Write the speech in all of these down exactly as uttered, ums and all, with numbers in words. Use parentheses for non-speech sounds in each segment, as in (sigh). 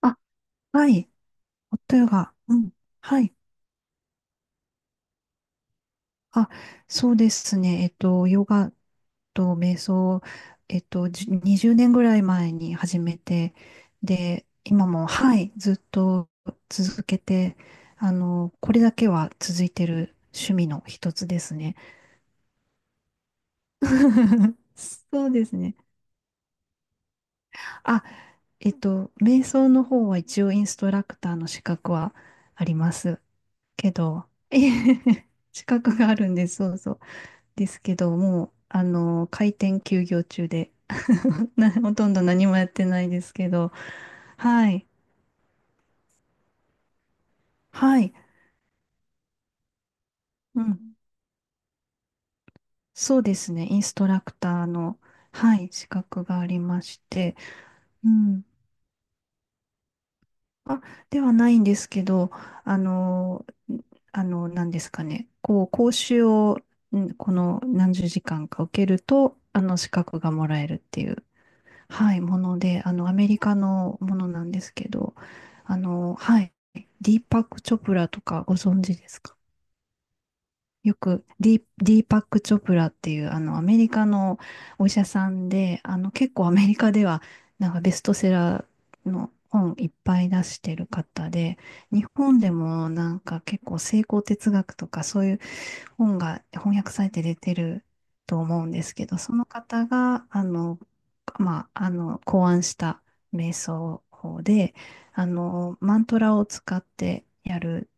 あ、はい。ホットヨガ。うん。はい。あ、そうですね。えっと、ヨガと瞑想、えっと、じゅにじゅうねんぐらい前に始めて、で、今も、はい、ずっと続けて、あの、これだけは続いてる趣味の一つですね。(laughs) そうですね。あ、えっと、瞑想の方は一応インストラクターの資格はありますけど、えへへ資格があるんです。そうそう。ですけど、もう、あの、開店休業中で、(laughs) なほとんど何もやってないですけど、はい、はい、うん、そうですね、インストラクターの、はい、資格がありまして、うん、あ、ではないんですけど、あの、あの、なんですかね、こう、講習を、んこの何十時間か受けると、あの、資格がもらえるっていうはい、もので、あの、アメリカのものなんですけど、あの、はい、ディーパック・チョプラとかご存知ですか？よくディ、ディーパック・チョプラっていう、あの、アメリカのお医者さんで、あの、結構アメリカでは、なんかベストセラーの本いっぱい出してる方で、日本でもなんか結構成功哲学とかそういう本が翻訳されて出てると思うんですけど、その方が、あの、まあ、あの、考案した瞑想法で、あの、マントラを使ってやる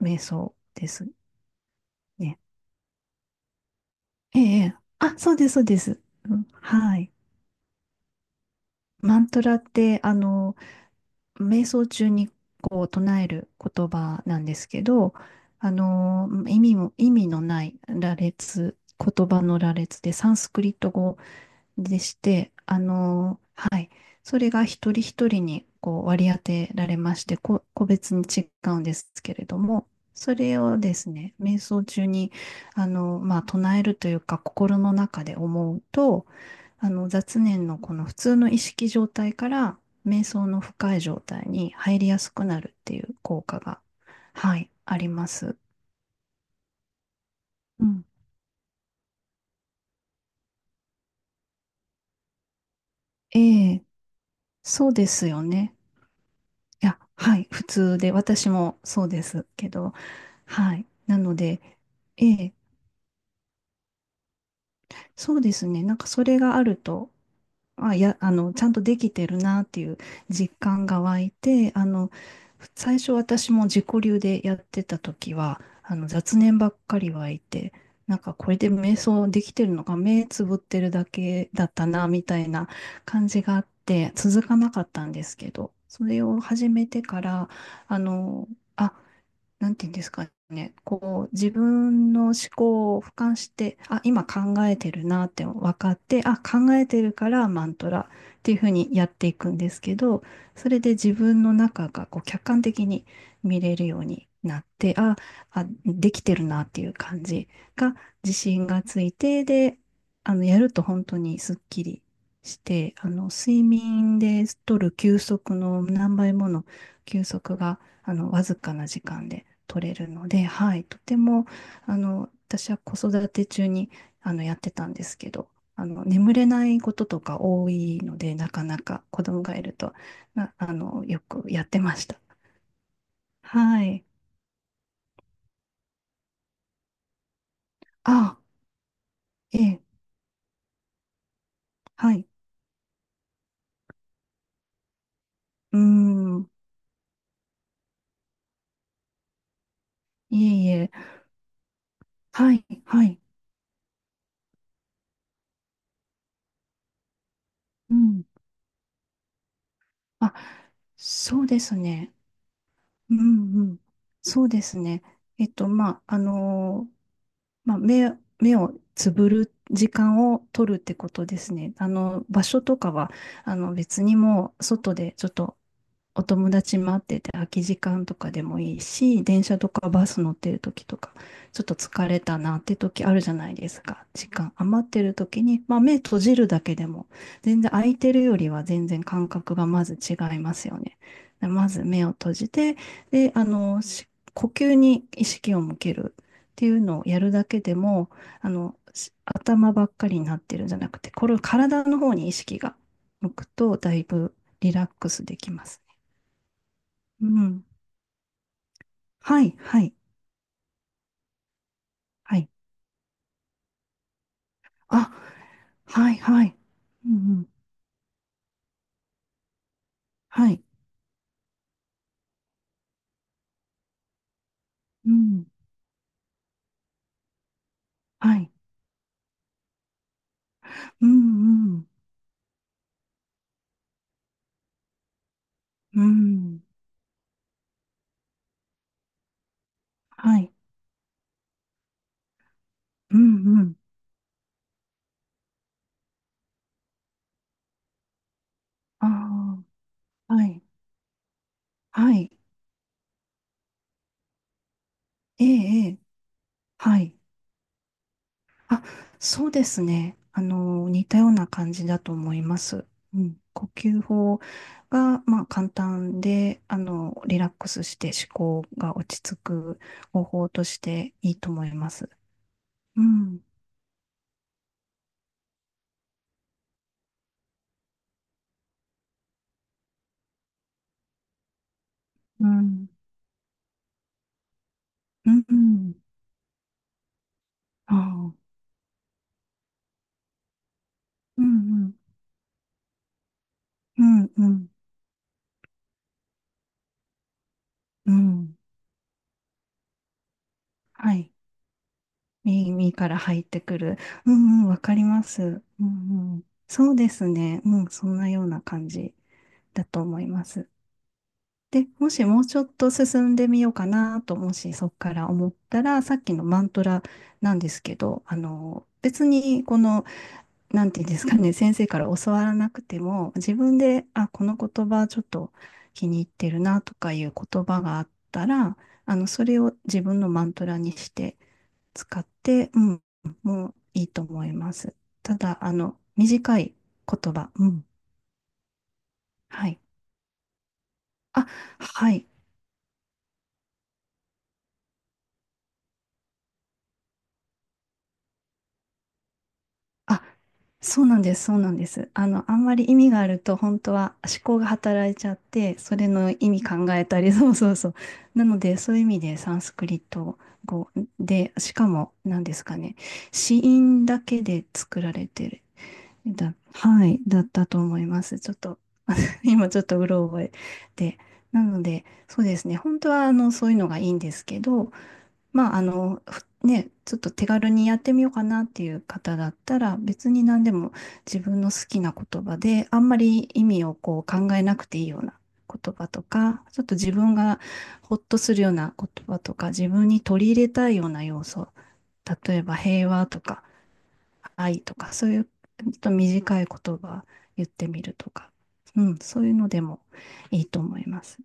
瞑想ですね。ええ、あ、そうです、そうです。うん、はい。マントラって、あの、瞑想中にこう唱える言葉なんですけど、あの、意味も、意味のない羅列、言葉の羅列で、サンスクリット語でして、あの、はい。それが一人一人にこう割り当てられまして、こ、個別に違うんですけれども、それをですね、瞑想中に、あの、まあ、唱えるというか、心の中で思うと、あの、雑念のこの普通の意識状態から、瞑想の深い状態に入りやすくなるっていう効果が、はい、あります。うん。ええ、そうですよね。いや、はい、普通で、私もそうですけど、はい。なので、ええ、そうですね。なんかそれがあると、あ、いや、あの、ちゃんとできてるなっていう実感が湧いて、あの、最初私も自己流でやってた時は、あの、雑念ばっかり湧いて、なんかこれで瞑想できてるのか、目つぶってるだけだったな、みたいな感じがあって、続かなかったんですけど、それを始めてから、あの、あなんていうんですかね、こう、自分の思考を俯瞰して、あ、今考えてるなって分かって、あ、考えてるからマントラっていうふうにやっていくんですけど、それで自分の中がこう客観的に見れるようになって、あ、あ、できてるなっていう感じが自信がついて、で、あの、やると本当にすっきりして、あの、睡眠で取る休息の何倍もの休息が、あの、わずかな時間で、取れるので、はい、とても、あの、私は子育て中に、あの、やってたんですけど、あの、眠れないこととか多いので、なかなか子供がいると、な、あの、よくやってました。はい。あ、ええ、はい。うーん、いえいえ、はい、はい。うん。あ、そうですね。うん、うん。そうですね。えっと、まあ、あのまあ、目、目をつぶる時間を取るってことですね。あの、場所とかは、あの、別にもう外でちょっとお友達待ってて空き時間とかでもいいし、電車とかバス乗ってる時とか、ちょっと疲れたなって時あるじゃないですか。時間余ってる時に、まあ目閉じるだけでも、全然空いてるよりは全然感覚がまず違いますよね。でまず目を閉じて、で、あの、し呼吸に意識を向けるっていうのをやるだけでも、あの、し頭ばっかりになってるんじゃなくて、これを体の方に意識が向くと、だいぶリラックスできます。うん。はい、はい、はい。あ、はい、はい。うん、うん。はい。うん、はい。うん、うん。うん、はい。うん、うん。ああ、はい、はい。ええ、ええ、はい。あ、そうですね。あの、似たような感じだと思います。うん。呼吸法が、まあ、簡単で、あの、リラックスして思考が落ち着く方法としていいと思います。うん、うん、うん、うん。ああ、うんうん、うんうん、うん。はい。耳から入ってくる。うんうん、わかります。うんうん。そうですね。うん、そんなような感じだと思います。で、もしもうちょっと進んでみようかなと、もしそこから思ったら、さっきのマントラなんですけど、あの、別にこのなんていうんですかね、先生から教わらなくても、自分で、あ、この言葉ちょっと気に入ってるなとかいう言葉があったら、あの、それを自分のマントラにして使って、うん、もういいと思います。ただ、あの、短い言葉、うん、はい。あ、はい。あ、そうなんです、そうなんです。あの、あんまり意味があると、本当は思考が働いちゃって、それの意味考えたり、(laughs) そうそうそう。なので、そういう意味でサンスクリット語で、しかも、何ですかね、子音だけで作られてる。だ、はい、だったと思います。ちょっと、(laughs) 今ちょっとうろ覚えで。なので、そうですね、本当は、あの、そういうのがいいんですけど、まあ、あの、ふね、ちょっと手軽にやってみようかなっていう方だったら、別に何でも自分の好きな言葉で、あんまり意味をこう考えなくていいような言葉とか、ちょっと自分がほっとするような言葉とか、自分に取り入れたいような要素、例えば平和とか愛とか、そういうちょっと短い言葉言ってみるとか、うん、そういうのでもいいと思います。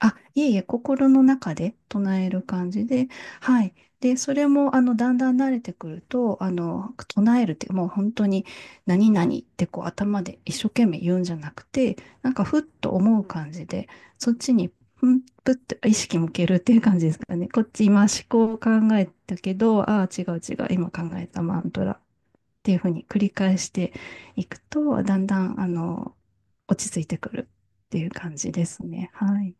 あ、いえいえ、心の中で唱える感じで、はい。で、それも、あの、だんだん慣れてくると、あの、唱えるって、もう本当に、何々ってこう、頭で一生懸命言うんじゃなくて、なんか、ふっと思う感じで、そっちに、ふん、ぷって意識向けるっていう感じですかね。こっち、今、思考を考えたけど、ああ、違う違う、今考えたマントラっていうふうに繰り返していくと、だんだん、あの、落ち着いてくるっていう感じですね。はい。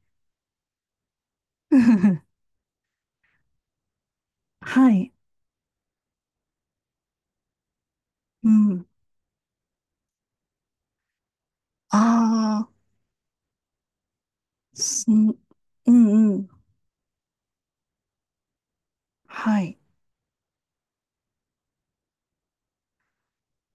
(laughs) はい。うん。ああ、すん、うんうん。はい。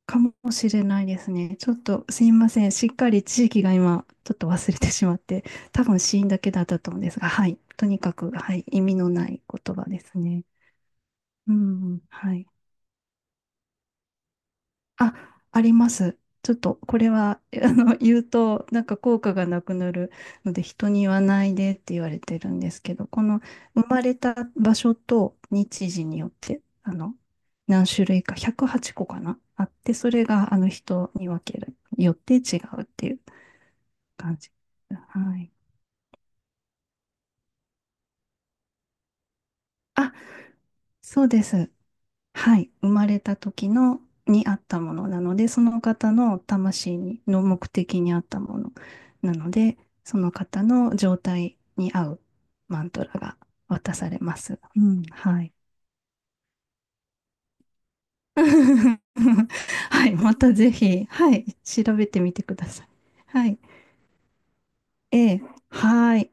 かもしれないですね。ちょっとすいません。しっかり地域が今、ちょっと忘れてしまって、多分死因だけだったと思うんですが、はい。とにかく、はい。意味のない言葉ですね。うんうん、はい。あ、あります。ちょっとこれは (laughs) あの言うとなんか効果がなくなるので人に言わないでって言われてるんですけど、この生まれた場所と日時によってあの何種類かひゃくはちこかなあって、それがあの人に分けるよって違うっていう感じ。はい。あ、そうです。はい、生まれた時のにあったものなので、その方の魂にの目的にあったものなので、その方の状態に合うマントラが渡されます。うん、はい。(laughs) はい、またぜひ、はい、調べてみてください。はい。ええ、はい。